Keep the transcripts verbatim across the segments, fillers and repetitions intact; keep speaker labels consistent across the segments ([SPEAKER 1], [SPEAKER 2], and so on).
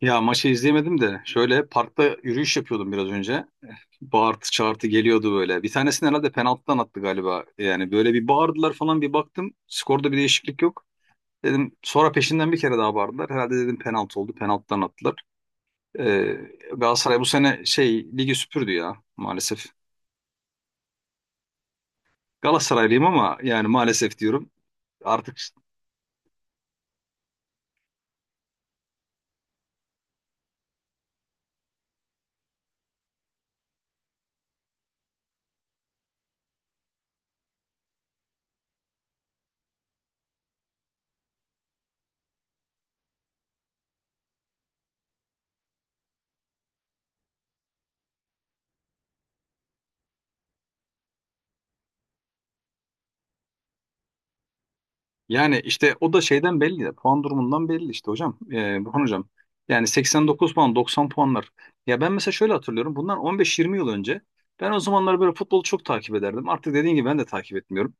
[SPEAKER 1] Ya maçı izleyemedim de şöyle parkta yürüyüş yapıyordum biraz önce. Bağırtı çağırtı geliyordu böyle. Bir tanesini herhalde penaltıdan attı galiba. Yani böyle bir bağırdılar falan bir baktım. Skorda bir değişiklik yok. Dedim sonra peşinden bir kere daha bağırdılar. Herhalde dedim penaltı oldu. Penaltıdan attılar. Ee, Galatasaray bu sene şey ligi süpürdü ya maalesef. Galatasaraylıyım ama yani maalesef diyorum. Artık. Yani işte o da şeyden belli ya, puan durumundan belli işte hocam. Ee, Burhan hocam. Yani seksen dokuz puan, doksan puanlar. Ya ben mesela şöyle hatırlıyorum. Bundan on beş yirmi yıl önce ben o zamanlar böyle futbolu çok takip ederdim. Artık dediğin gibi ben de takip etmiyorum.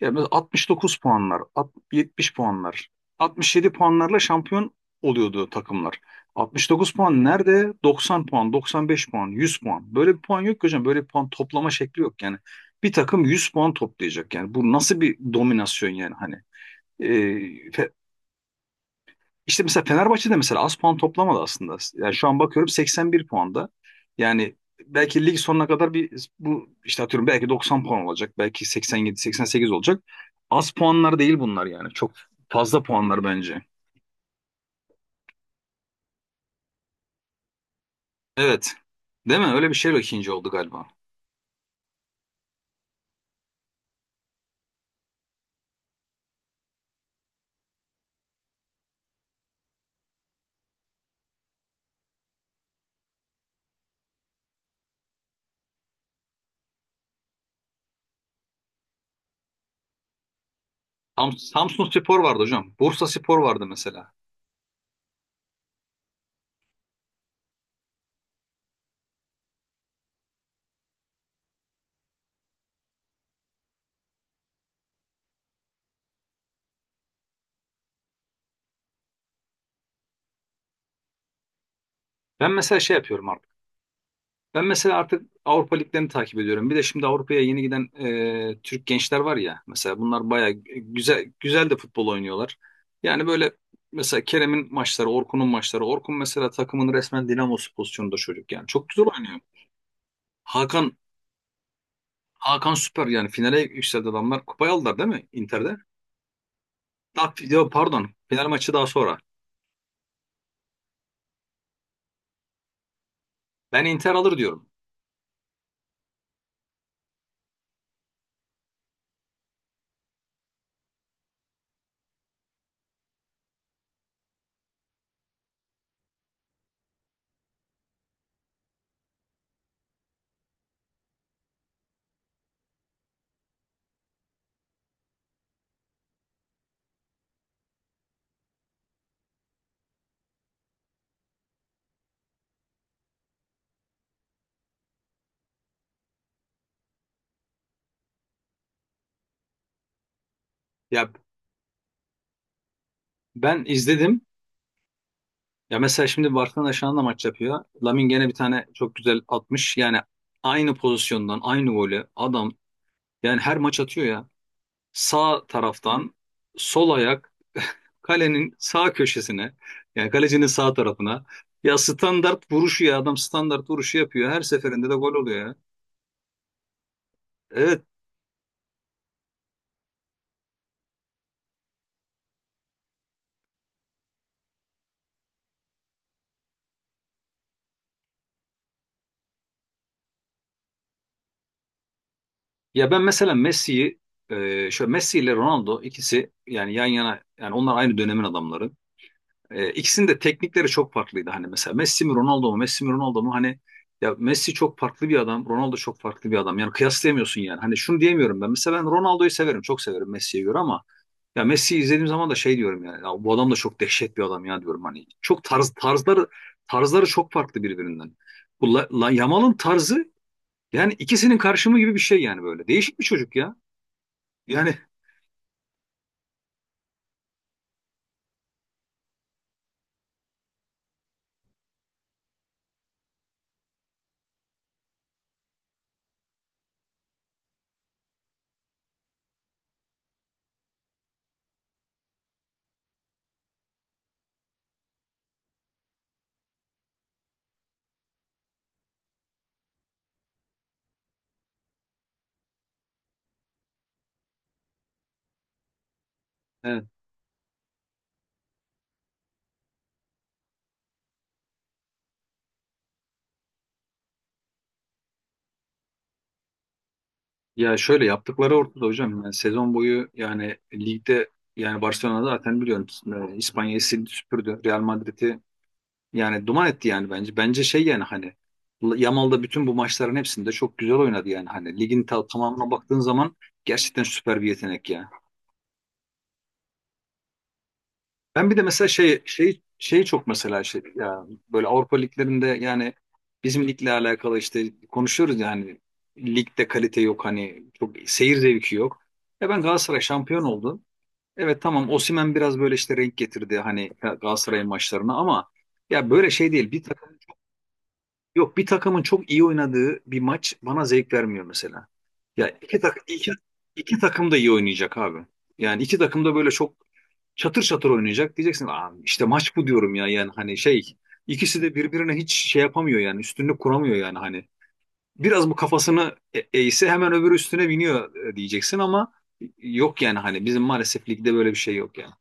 [SPEAKER 1] Ya mesela altmış dokuz puanlar, alt- yetmiş puanlar, altmış yedi puanlarla şampiyon oluyordu takımlar. altmış dokuz puan nerede? doksan puan, doksan beş puan, yüz puan. Böyle bir puan yok ki hocam. Böyle bir puan toplama şekli yok yani. Bir takım yüz puan toplayacak yani. Bu nasıl bir dominasyon yani hani. Ee, Fe- işte mesela Fenerbahçe de mesela az puan toplamadı aslında. Yani şu an bakıyorum seksen bir puanda. Yani belki lig sonuna kadar bir bu işte atıyorum belki doksan puan olacak. Belki seksen yedi seksen sekiz olacak. Az puanlar değil bunlar yani. Çok fazla puanlar bence. Evet. Değil mi? Öyle bir şeyle ikinci oldu galiba. Sam Samsun Spor vardı hocam. Bursa Spor vardı mesela. Ben mesela şey yapıyorum. Ben mesela artık Avrupa liglerini takip ediyorum. Bir de şimdi Avrupa'ya yeni giden e, Türk gençler var ya. Mesela bunlar bayağı güzel güzel de futbol oynuyorlar. Yani böyle mesela Kerem'in maçları, Orkun'un maçları. Orkun mesela takımın resmen dinamosu pozisyonunda çocuk yani. Çok güzel oynuyor. Hakan. Hakan süper yani finale yükseldi adamlar. Kupayı aldılar değil mi Inter'de? Daha, ya pardon final maçı daha sonra. Ben Inter alır diyorum. Ya ben izledim. Ya mesela şimdi Barcelona şu anda maç yapıyor. Lamine gene bir tane çok güzel atmış. Yani aynı pozisyondan aynı golü adam yani her maç atıyor ya. Sağ taraftan sol ayak kalenin sağ köşesine yani kalecinin sağ tarafına. Ya standart vuruşu ya adam standart vuruşu yapıyor. Her seferinde de gol oluyor ya. Evet. Ya ben mesela Messi'yi e, şöyle Messi ile Ronaldo ikisi yani yan yana, yani onlar aynı dönemin adamları. E, ikisinin de teknikleri çok farklıydı. Hani mesela Messi mi Ronaldo mu? Messi mi Ronaldo mu? Hani ya Messi çok farklı bir adam. Ronaldo çok farklı bir adam. Yani kıyaslayamıyorsun yani. Hani şunu diyemiyorum ben. Mesela ben Ronaldo'yu severim. Çok severim Messi'ye göre ama ya Messi'yi izlediğim zaman da şey diyorum yani. Ya bu adam da çok dehşet bir adam ya diyorum. Hani çok tarz tarzları tarzları çok farklı birbirinden. Bu La- La- Yamal'ın tarzı yani ikisinin karşımı gibi bir şey yani böyle. Değişik bir çocuk ya. Yani. e, Ya şöyle yaptıkları ortada hocam. Yani sezon boyu yani ligde yani Barcelona zaten biliyorum, e, İspanya'yı sildi süpürdü. Real Madrid'i yani duman etti yani bence. Bence şey yani hani Yamal da bütün bu maçların hepsinde çok güzel oynadı yani hani ligin ta- tamamına baktığın zaman gerçekten süper bir yetenek ya. Ben bir de mesela şey şey şeyi çok mesela şey ya böyle Avrupa liglerinde yani bizim ligle alakalı işte konuşuyoruz yani ligde kalite yok hani çok seyir zevki yok. Ya ben Galatasaray şampiyon oldu. Evet, tamam, Osimhen biraz böyle işte renk getirdi hani Galatasaray'ın maçlarına ama ya böyle şey değil, bir takım, yok, bir takımın çok iyi oynadığı bir maç bana zevk vermiyor mesela. Ya iki tak iki, iki takım da iyi oynayacak abi. Yani iki takım da böyle çok çatır çatır oynayacak diyeceksin. Aa, işte maç bu diyorum ya yani hani şey ikisi de birbirine hiç şey yapamıyor yani üstünlük kuramıyor yani hani. Biraz bu kafasını e- eğse hemen öbürü üstüne biniyor, e, diyeceksin ama yok yani hani bizim maalesef ligde böyle bir şey yok yani.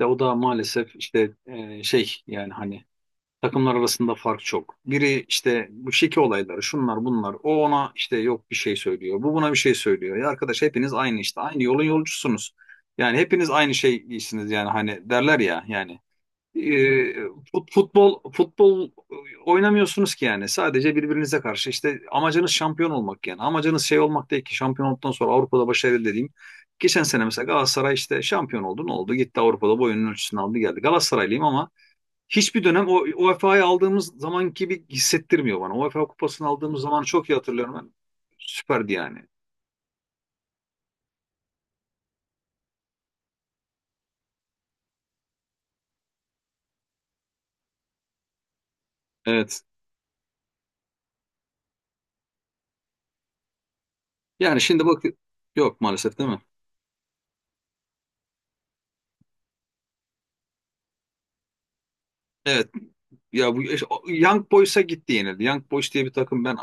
[SPEAKER 1] De o da maalesef işte, e, şey yani hani takımlar arasında fark çok. Biri işte bu şike olayları şunlar bunlar. O ona işte yok bir şey söylüyor. Bu buna bir şey söylüyor. Ya arkadaş hepiniz aynı işte aynı yolun yolcusunuz. Yani hepiniz aynı şey giysiniz yani hani derler ya yani, e, fut- futbol futbol e, oynamıyorsunuz ki yani. Sadece birbirinize karşı işte amacınız şampiyon olmak yani. Amacınız şey olmak değil ki şampiyon olduktan sonra Avrupa'da başarılı dediğim. Geçen sene mesela Galatasaray işte şampiyon oldu, ne oldu? Gitti Avrupa'da boyunun ölçüsünü aldı geldi. Galatasaraylıyım ama hiçbir dönem o UEFA'yı aldığımız zaman gibi hissettirmiyor bana. UEFA kupasını aldığımız zaman çok iyi hatırlıyorum ben. Süperdi yani. Evet. Yani şimdi bak, yok maalesef değil mi? Evet. Ya bu Young Boys'a gitti yenildi. Young Boys diye bir takım ben.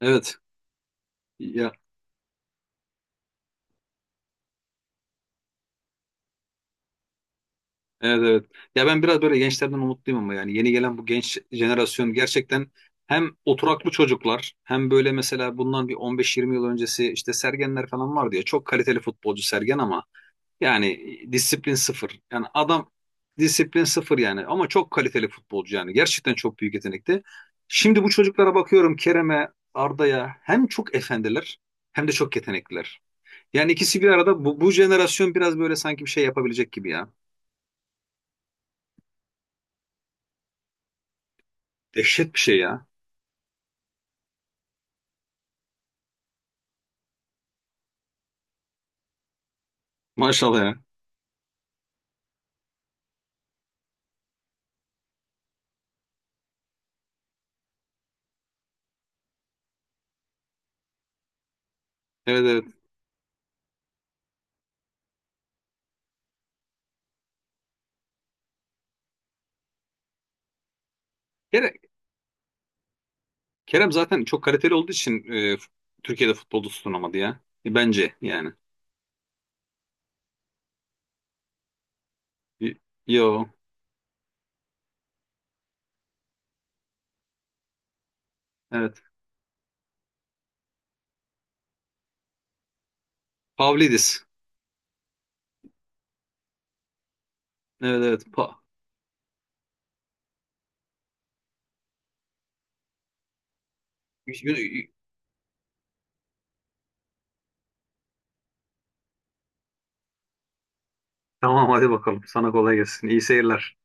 [SPEAKER 1] Evet. Ya evet evet. Ya ben biraz böyle gençlerden umutluyum ama yani yeni gelen bu genç jenerasyon gerçekten hem oturaklı çocuklar hem böyle mesela bundan bir on beş yirmi yıl öncesi işte Sergenler falan vardı ya çok kaliteli futbolcu Sergen ama yani, e, disiplin sıfır. Yani adam disiplin sıfır yani ama çok kaliteli futbolcu yani gerçekten çok büyük yetenekti. Şimdi bu çocuklara bakıyorum Kerem'e, Arda'ya hem çok efendiler hem de çok yetenekliler. Yani ikisi bir arada bu, bu jenerasyon biraz böyle sanki bir şey yapabilecek gibi ya. Dehşet bir şey ya. Maşallah ya. Evet evet. Kerem. Kerem zaten çok kaliteli olduğu için e, f- Türkiye'de futbolda tutunamadı ya. E, bence yani. Y- Yo. Evet. Pavlidis. Evet evet. Pa- Tamam hadi bakalım. Sana kolay gelsin. İyi seyirler.